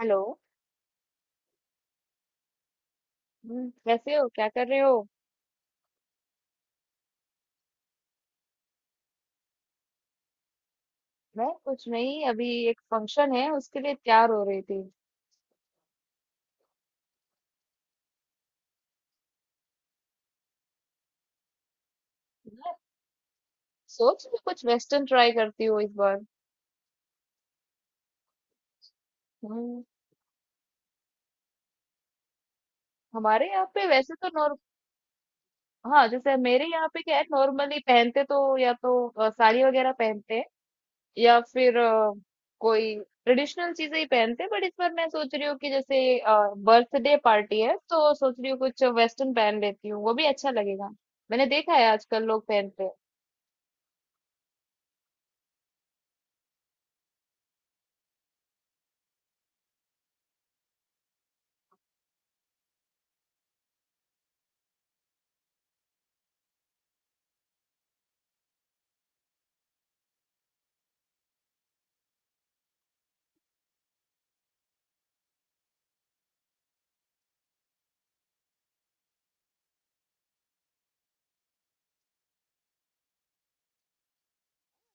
Hello. कैसे हो, क्या कर रहे हो? मैं कुछ नहीं, अभी एक फंक्शन है, उसके लिए तैयार हो रही थी। मैं सोच रही कुछ वेस्टर्न ट्राई करती हूँ इस बार। हम्म हमारे यहाँ पे वैसे तो नॉर्म। हाँ, जैसे मेरे यहाँ पे क्या है, नॉर्मली पहनते तो या तो साड़ी वगैरह पहनते हैं, या फिर कोई ट्रेडिशनल चीजें ही पहनते हैं। बट इस बार मैं सोच रही हूँ कि जैसे बर्थडे पार्टी है, तो सोच रही हूँ कुछ वेस्टर्न पहन लेती हूँ, वो भी अच्छा लगेगा। मैंने देखा है आजकल लोग पहनते हैं।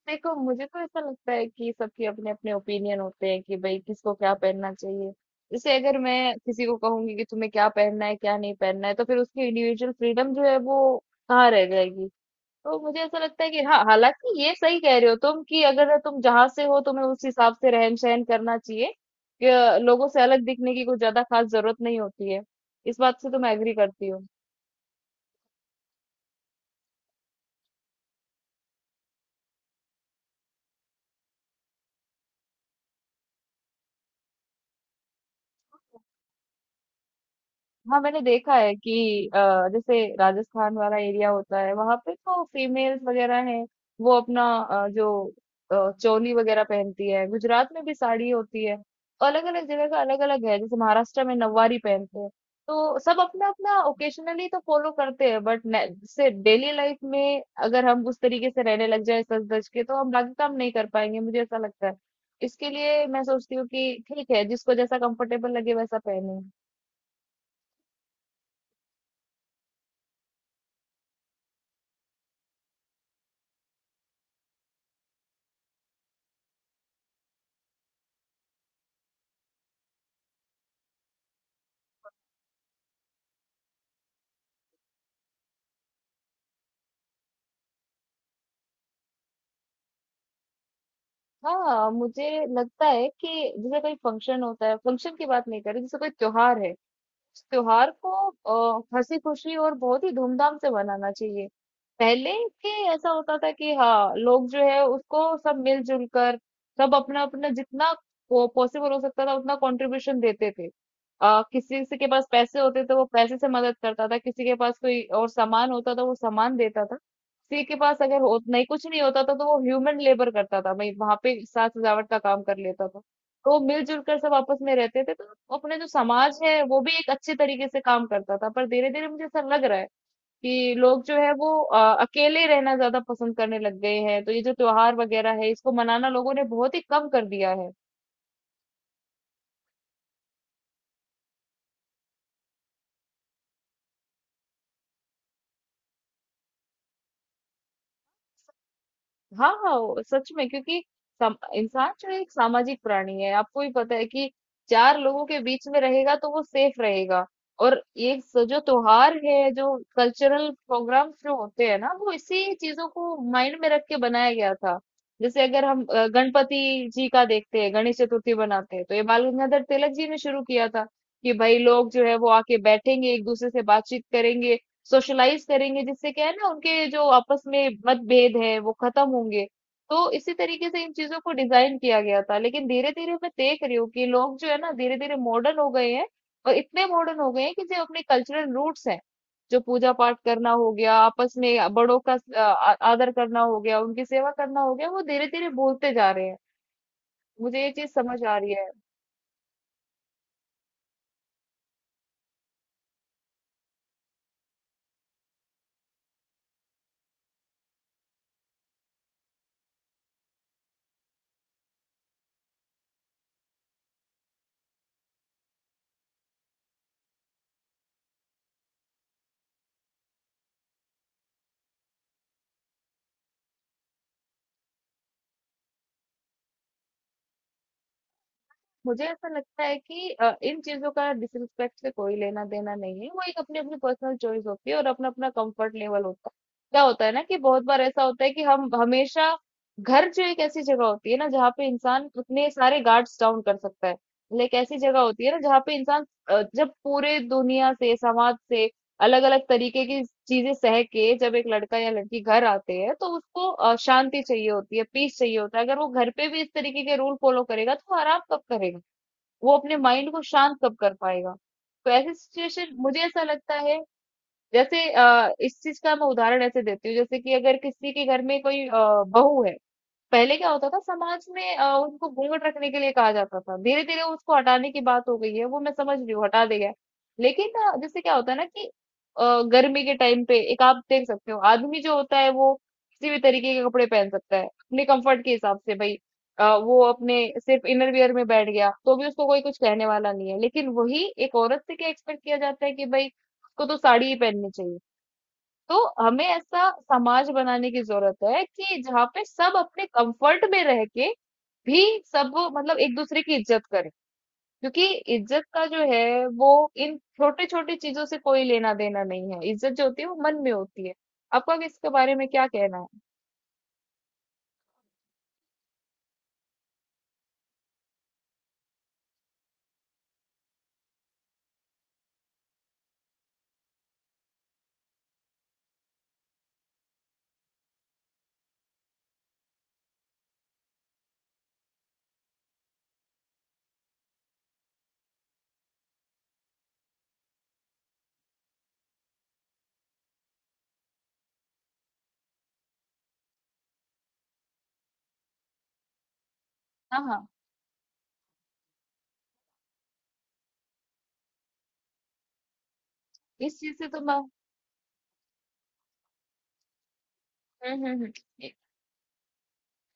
देखो मुझे तो ऐसा लगता है कि सबके अपने अपने ओपिनियन होते हैं कि भाई किसको क्या पहनना चाहिए। जैसे अगर मैं किसी को कहूंगी कि तुम्हें क्या पहनना है क्या नहीं पहनना है, तो फिर उसकी इंडिविजुअल फ्रीडम जो है वो कहाँ रह जाएगी? तो मुझे ऐसा लगता है कि हाँ, हालांकि ये सही कह रहे हो तुम कि अगर तुम जहां से हो, तुम्हें उस हिसाब से रहन सहन करना चाहिए, कि लोगों से अलग दिखने की कुछ ज्यादा खास जरूरत नहीं होती है। इस बात से तो मैं एग्री करती हूँ। हाँ, मैंने देखा है कि अ, जैसे राजस्थान वाला एरिया होता है, वहां पे तो फीमेल्स वगैरह हैं, वो अपना जो चोली वगैरह पहनती है। गुजरात में भी साड़ी होती है। अलग अलग जगह का अलग अलग है, जैसे महाराष्ट्र में नववारी पहनते हैं। तो सब अपना अपना ओकेशनली तो फॉलो करते हैं, बट जैसे डेली लाइफ में अगर हम उस तरीके से रहने लग जाए सज धज के, तो हम बाकी काम नहीं कर पाएंगे, मुझे ऐसा लगता है। इसके लिए मैं सोचती हूँ कि ठीक है, जिसको जैसा कंफर्टेबल लगे वैसा पहने। हाँ, मुझे लगता है कि जैसे कोई फंक्शन होता है, फंक्शन की बात नहीं कर रही, जैसे कोई त्योहार है, उस त्योहार को हँसी-खुशी और बहुत ही धूमधाम से मनाना चाहिए। पहले के ऐसा होता था कि हाँ, लोग जो है उसको सब मिल-जुल कर, सब अपना-अपना जितना पो पॉसिबल हो सकता था उतना कॉन्ट्रिब्यूशन देते थे। किसी से के पास पैसे होते थे वो पैसे से मदद करता था, किसी के पास कोई और सामान होता था वो सामान देता था। किसी के पास अगर हो नहीं कुछ नहीं होता था तो वो ह्यूमन लेबर करता था, भई वहाँ पे साज-सजावट का काम कर लेता था। तो मिलजुल कर सब आपस में रहते थे, तो अपने जो समाज है वो भी एक अच्छे तरीके से काम करता था, पर धीरे धीरे मुझे ऐसा लग रहा है कि लोग जो है वो अकेले रहना ज्यादा पसंद करने लग गए हैं, तो ये जो त्योहार वगैरह है इसको मनाना लोगों ने बहुत ही कम कर दिया है। हाँ, हाँ, वो सच में, क्योंकि सम इंसान जो है एक सामाजिक प्राणी है। आपको भी पता है कि 4 लोगों के बीच में रहेगा तो वो सेफ रहेगा। और ये स जो त्योहार है, जो कल्चरल प्रोग्राम्स जो होते हैं ना, वो इसी चीज़ों को माइंड में रख के बनाया गया था। जैसे अगर हम गणपति जी का देखते हैं, गणेश चतुर्थी बनाते हैं, तो ये बाल गंगाधर तिलक जी ने शुरू किया था कि भाई लोग जो है वो आके बैठेंगे, एक-दूसरे से बातचीत करेंगे, सोशलाइज करेंगे, जिससे क्या है ना उनके जो आपस में मतभेद है वो खत्म होंगे। तो इसी तरीके से इन चीजों को डिजाइन किया गया था, लेकिन धीरे धीरे मैं देख रही हूँ कि लोग जो है ना धीरे धीरे मॉडर्न हो गए हैं। और इतने मॉडर्न हो गए हैं कि जो अपने कल्चरल रूट्स हैं, जो पूजा पाठ करना हो गया, आपस में बड़ों का आदर करना हो गया, उनकी सेवा करना हो गया, वो धीरे धीरे भूलते जा रहे हैं। मुझे ये चीज समझ आ रही है। मुझे ऐसा लगता है कि इन चीजों का डिसरिस्पेक्ट से कोई लेना देना नहीं है, वो एक अपनी अपनी पर्सनल चॉइस होती है और अपना अपना कंफर्ट लेवल होता है। क्या होता है ना कि बहुत बार ऐसा होता है कि हम हमेशा घर जो एक ऐसी जगह होती है ना जहाँ पे इंसान अपने सारे गार्ड्स डाउन कर सकता है, मतलब एक ऐसी जगह होती है ना जहाँ पे इंसान जब पूरे दुनिया से समाज से अलग अलग तरीके की चीजें सह के जब एक लड़का या लड़की घर आते हैं, तो उसको शांति चाहिए होती है, पीस चाहिए होता है। अगर वो घर पे भी इस तरीके के रूल फॉलो करेगा तो वो आराम कब करेगा? वो अपने माइंड को शांत कब कर पाएगा? तो ऐसी सिचुएशन, मुझे ऐसा लगता है। जैसे इस चीज का मैं उदाहरण ऐसे देती हूँ, जैसे कि अगर किसी के घर में कोई बहू है। पहले क्या होता था समाज में, उनको घूंघट रखने के लिए कहा जाता था, धीरे धीरे उसको हटाने की बात हो गई है, वो मैं समझ रही हूँ हटा देगा। लेकिन जैसे क्या होता है ना कि गर्मी के टाइम पे एक आप देख सकते हो आदमी जो होता है वो किसी भी तरीके के कपड़े पहन सकता है अपने कंफर्ट के हिसाब से भाई। वो अपने सिर्फ इनर वियर में बैठ गया तो भी उसको कोई कुछ कहने वाला नहीं है, लेकिन वही एक औरत से क्या एक्सपेक्ट किया जाता है कि भाई उसको तो साड़ी ही पहननी चाहिए। तो हमें ऐसा समाज बनाने की जरूरत है कि जहाँ पे सब अपने कंफर्ट में रह के भी सब मतलब एक दूसरे की इज्जत करें। क्योंकि इज्जत का जो है वो इन छोटे छोटे चीजों से कोई लेना देना नहीं है, इज्जत जो होती है वो मन में होती है। आपका इसके बारे में क्या कहना है? हाँ, हाँ, इस चीज से तो मैं, हम्म हम्म हम्म।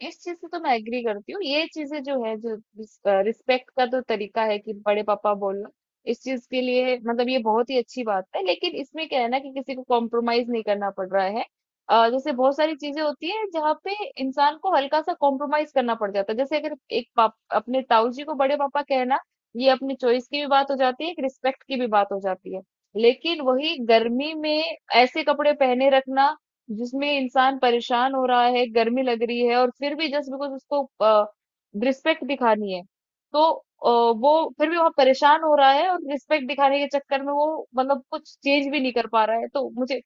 इस चीज से तो मैं एग्री करती हूँ। ये चीजें जो है, जो रिस्पेक्ट का तो तरीका है कि बड़े पापा बोलना, इस चीज के लिए मतलब ये बहुत ही अच्छी बात है, लेकिन इसमें क्या है ना कि किसी को कॉम्प्रोमाइज नहीं करना पड़ रहा है। जैसे बहुत सारी चीजें होती है जहाँ पे इंसान को हल्का सा कॉम्प्रोमाइज करना पड़ जाता है, जैसे अगर एक पाप अपने ताऊ जी को बड़े पापा कहना, ये अपनी चॉइस की भी बात हो जाती है, एक रिस्पेक्ट की भी बात हो जाती है। लेकिन वही गर्मी में ऐसे कपड़े पहने रखना जिसमें इंसान परेशान हो रहा है, गर्मी लग रही है, और फिर भी जस्ट बिकॉज उसको रिस्पेक्ट दिखानी है, तो वो फिर भी वहां परेशान हो रहा है, और रिस्पेक्ट दिखाने के चक्कर में वो मतलब कुछ चेंज भी नहीं कर पा रहा है। तो मुझे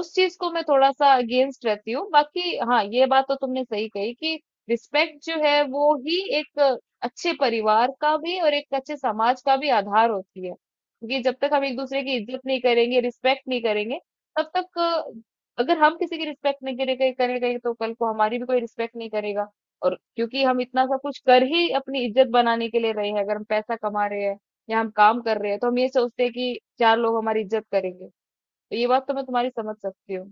उस चीज को मैं थोड़ा सा अगेंस्ट रहती हूँ, बाकी हाँ, ये बात तो तुमने सही कही कि रिस्पेक्ट जो है वो ही एक अच्छे परिवार का भी और एक अच्छे समाज का भी आधार होती है। क्योंकि जब तक हम एक दूसरे की इज्जत नहीं करेंगे, रिस्पेक्ट नहीं करेंगे, तब तक अगर हम किसी की रिस्पेक्ट नहीं करेंगे करेंगे तो कल को हमारी भी कोई रिस्पेक्ट नहीं करेगा। और क्योंकि हम इतना सब कुछ कर ही अपनी इज्जत बनाने के लिए रहे हैं, अगर हम पैसा कमा रहे हैं या हम काम कर रहे हैं, तो हम ये सोचते हैं कि चार लोग हमारी इज्जत करेंगे। तो ये बात तो मैं तुम्हारी समझ सकती हूँ।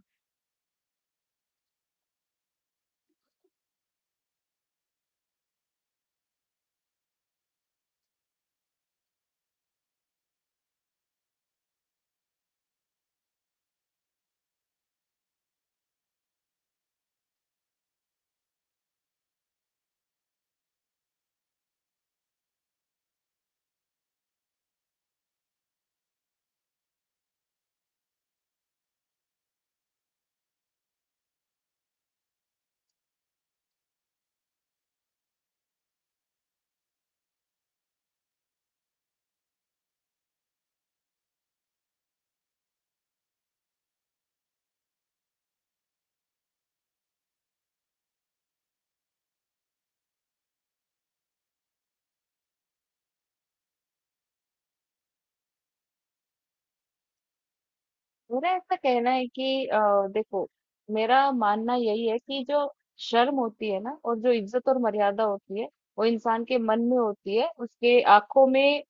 मेरा ऐसा कहना है कि देखो, मेरा मानना यही है कि जो शर्म होती है ना और जो इज्जत और मर्यादा होती है, वो इंसान के मन में होती है, उसके आंखों में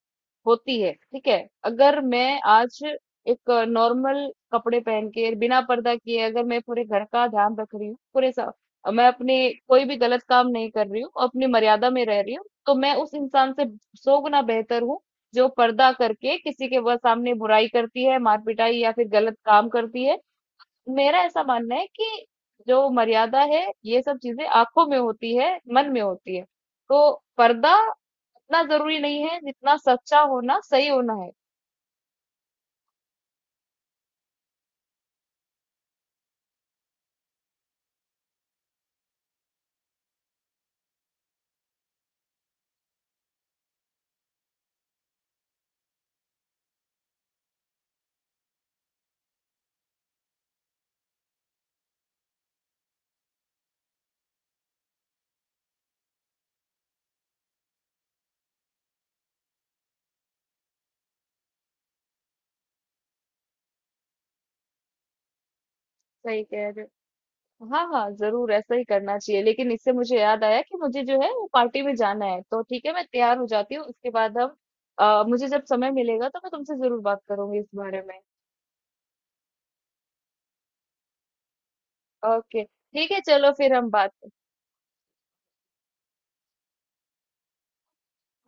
होती है, ठीक है। अगर मैं आज एक नॉर्मल कपड़े पहन के बिना पर्दा किए अगर मैं पूरे घर का ध्यान रख रही हूँ, मैं अपने कोई भी गलत काम नहीं कर रही हूँ, अपनी मर्यादा में रह रही हूँ, तो मैं उस इंसान से 100 गुना बेहतर हूँ जो पर्दा करके किसी के वह सामने बुराई करती है, मार पिटाई या फिर गलत काम करती है। मेरा ऐसा मानना है कि जो मर्यादा है ये सब चीजें आंखों में होती है, मन में होती है। तो पर्दा उतना जरूरी नहीं है जितना सच्चा होना सही होना है। सही कह रहे हो। हाँ, हाँ, जरूर ऐसा ही करना चाहिए, लेकिन इससे मुझे याद आया कि मुझे जो है वो पार्टी में जाना है, तो ठीक है मैं तैयार हो जाती हूँ, उसके बाद हम, मुझे जब समय मिलेगा तो मैं तुमसे जरूर बात करूंगी इस बारे में। ओके, ठीक है, चलो फिर हम बात।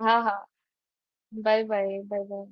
हाँ, हाँ, बाय बाय बाय बाय।